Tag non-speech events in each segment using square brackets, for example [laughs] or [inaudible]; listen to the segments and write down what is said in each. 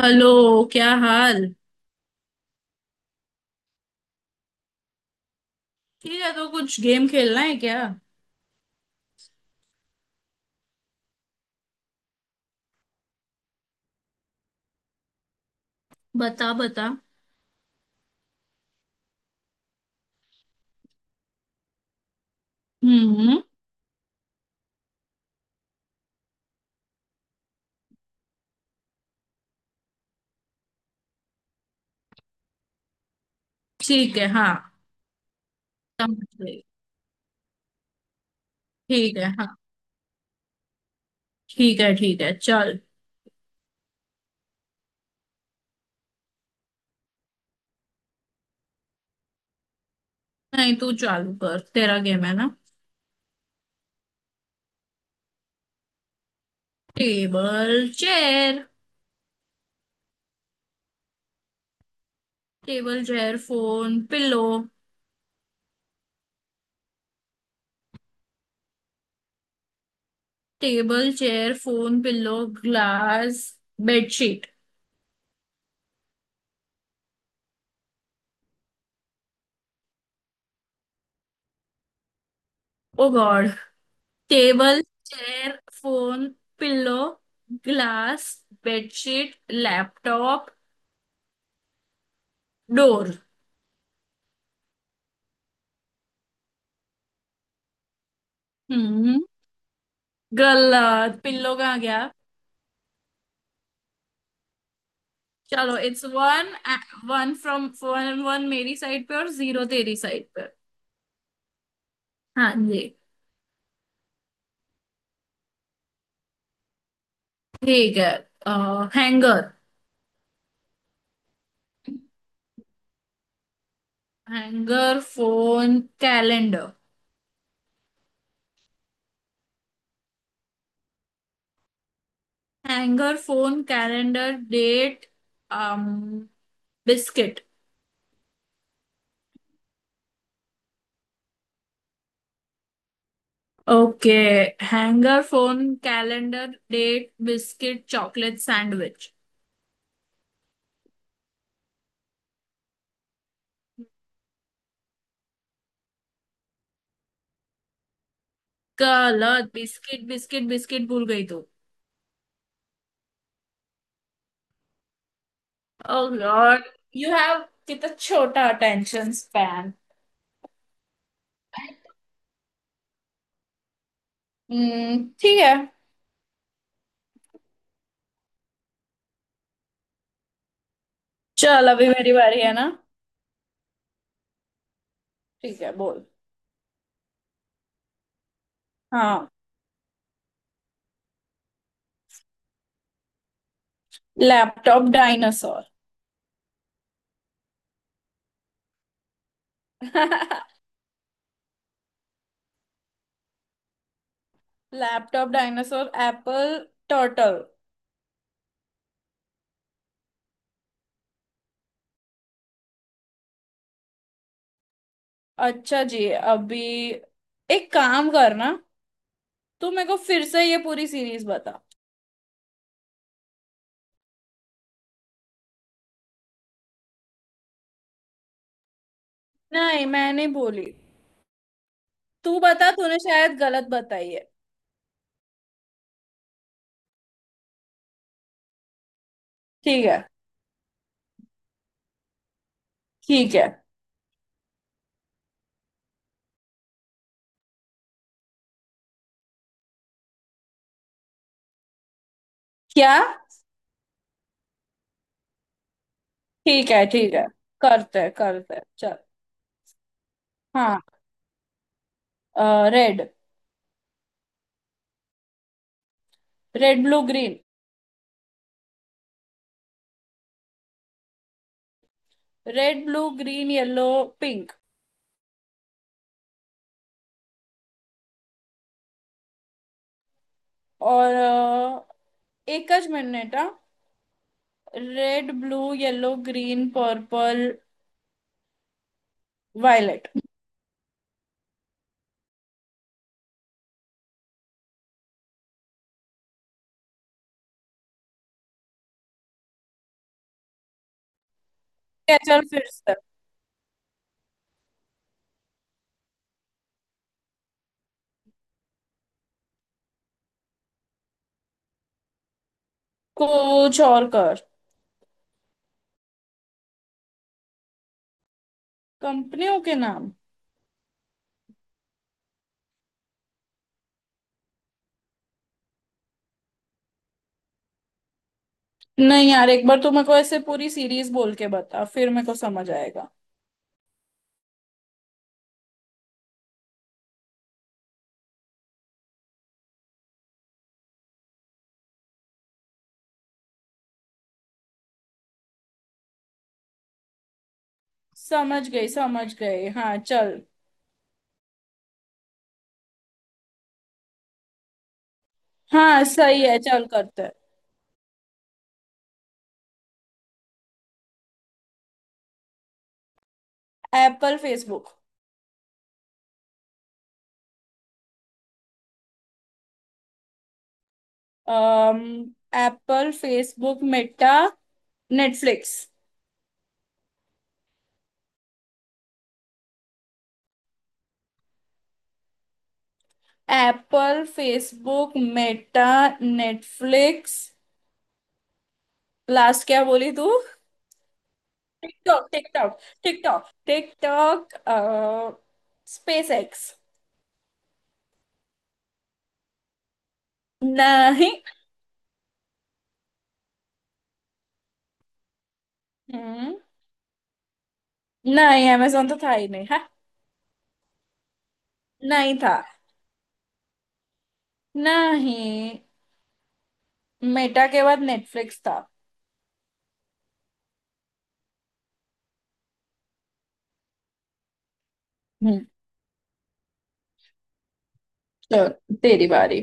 Hello. क्या हाल। ठीक है, तो कुछ गेम खेलना है क्या। बता बता। हम्म। ठीक है, हाँ। समझ गई। ठीक है, हाँ। ठीक है, ठीक है, चल। नहीं, तू चालू कर, तेरा गेम है ना। Table chair. Table chair phone pillow. Table chair phone pillow glass bedsheet. Oh God. Table chair phone pillow glass bedsheet laptop door. Hmm. Girl, pillow कहाँ गया। चलो, it's one. One from one, one मेरी side पे और zero तेरी side पे। हाँ जी। ठीक है। Hanger. Hanger phone calendar. Hanger phone calendar date biscuit. Okay. Hanger phone calendar date biscuit chocolate sandwich. गलत, बिस्किट बिस्किट बिस्किट भूल गई तू। Oh God, you have कितना छोटा अटेंशन स्पैन। हम्म, ठीक है। चल, अभी मेरी बारी है ना। ठीक है, बोल। हाँ। Laptop dinosaur. [laughs] Laptop dinosaur apple turtle. [laughs] अच्छा जी, अभी एक काम करना। तू मेरे को फिर से ये पूरी सीरीज बता। नहीं, मैं नहीं बोली। तू बता, तूने शायद गलत बताई है। ठीक है, ठीक है। क्या। ठीक है, ठीक है, करते हैं करते हैं, चल। हाँ। Red. Red blue green. Red blue green yellow pink. और एकच मिनिट हा। Red blue yellow green purple violet. चल, फिर से। कुछ और कर। कंपनियों के नाम। नहीं यार, एक बार तू मेरे को ऐसे पूरी सीरीज बोल के बता, फिर मेरे को समझ आएगा। समझ गई समझ गई, हाँ चल। हाँ, सही है, चल करते हैं। Apple Facebook. Um Apple Facebook Meta Netflix. Apple Facebook Meta Netflix, last क्या बोली तू। TikTok TikTok. TikTok TikTok SpaceX. नहीं। हम्म। नहीं, amazon तो था ही नहीं है। नहीं था। नहीं, मेटा के बाद नेटफ्लिक्स था। हम्म। चल, तेरी बारी।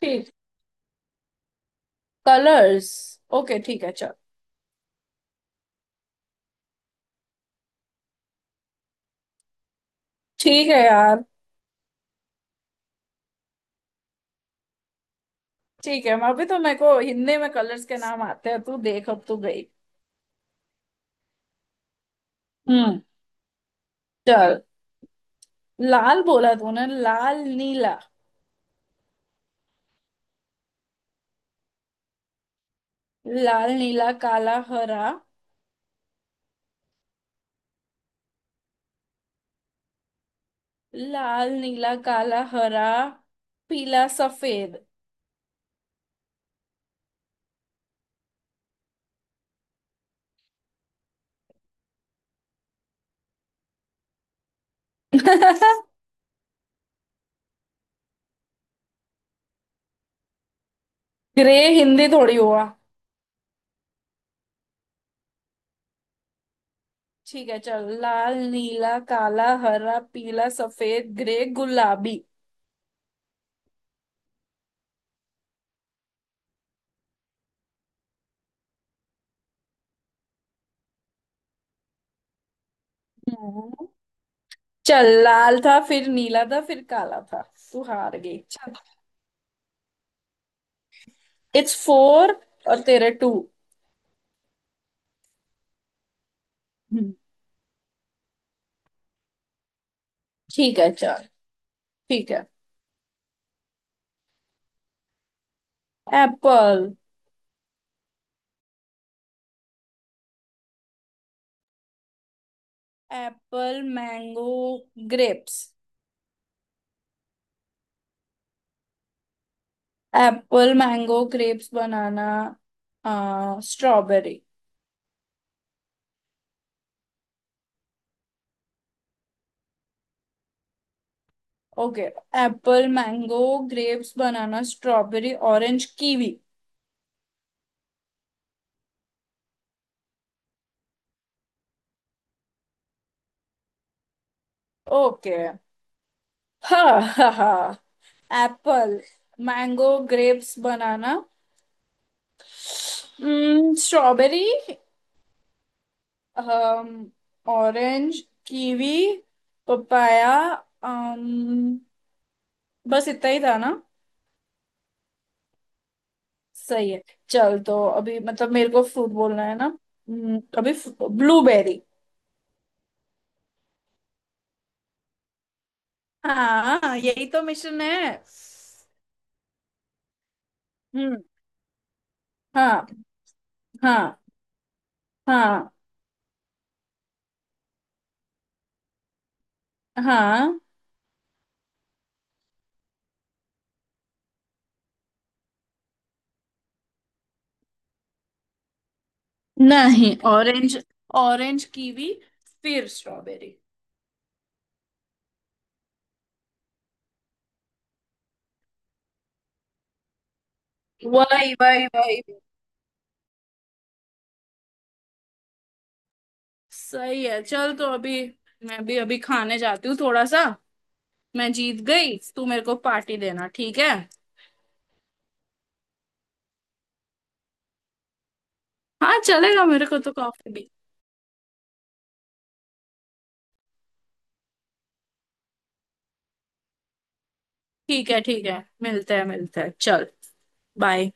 ठीक। कलर्स। ओके, ठीक है, चल। ठीक है यार। ठीक है, मैं अभी तो मेरे को हिंदी में कलर्स के नाम आते हैं, तू देख, अब तू गई। हम्म। चल, लाल बोला तूने, लाल नीला। लाल नीला काला हरा। लाल नीला काला हरा पीला सफेद। [laughs] ग्रे हिंदी थोड़ी हुआ। ठीक है चल, लाल नीला काला हरा पीला सफेद ग्रे गुलाबी। हम्म। चल, लाल था फिर नीला था फिर काला था। तू हार गई, चल। इट्स 4 और तेरे 2। ठीक है, चल। ठीक है। Apple. Apple mango grapes. Apple mango grapes banana strawberry. Okay. Apple mango grapes banana strawberry orange kiwi. Okay. हाँ हाँ हाँ। Apple mango grapes banana, strawberry orange kiwi papaya. um, बस इतना ही था ना। सही है। चल, तो अभी मतलब मेरे को फ्रूट बोलना है ना। अभी ब्लूबेरी। हाँ, यही तो मिशन है। हम्म। हाँ। हाँ। हाँ। हाँ। नहीं, ऑरेंज। Orange kiwi. फिर स्ट्रॉबेरी। वही वही वही। सही है चल, तो अभी मैं भी अभी खाने जाती हूँ थोड़ा सा। मैं जीत गई, तू मेरे को पार्टी देना ठीक है। हाँ चलेगा, मेरे को तो कॉफी भी। ठीक है, ठीक है। मिलते हैं मिलते हैं, चल। बाय।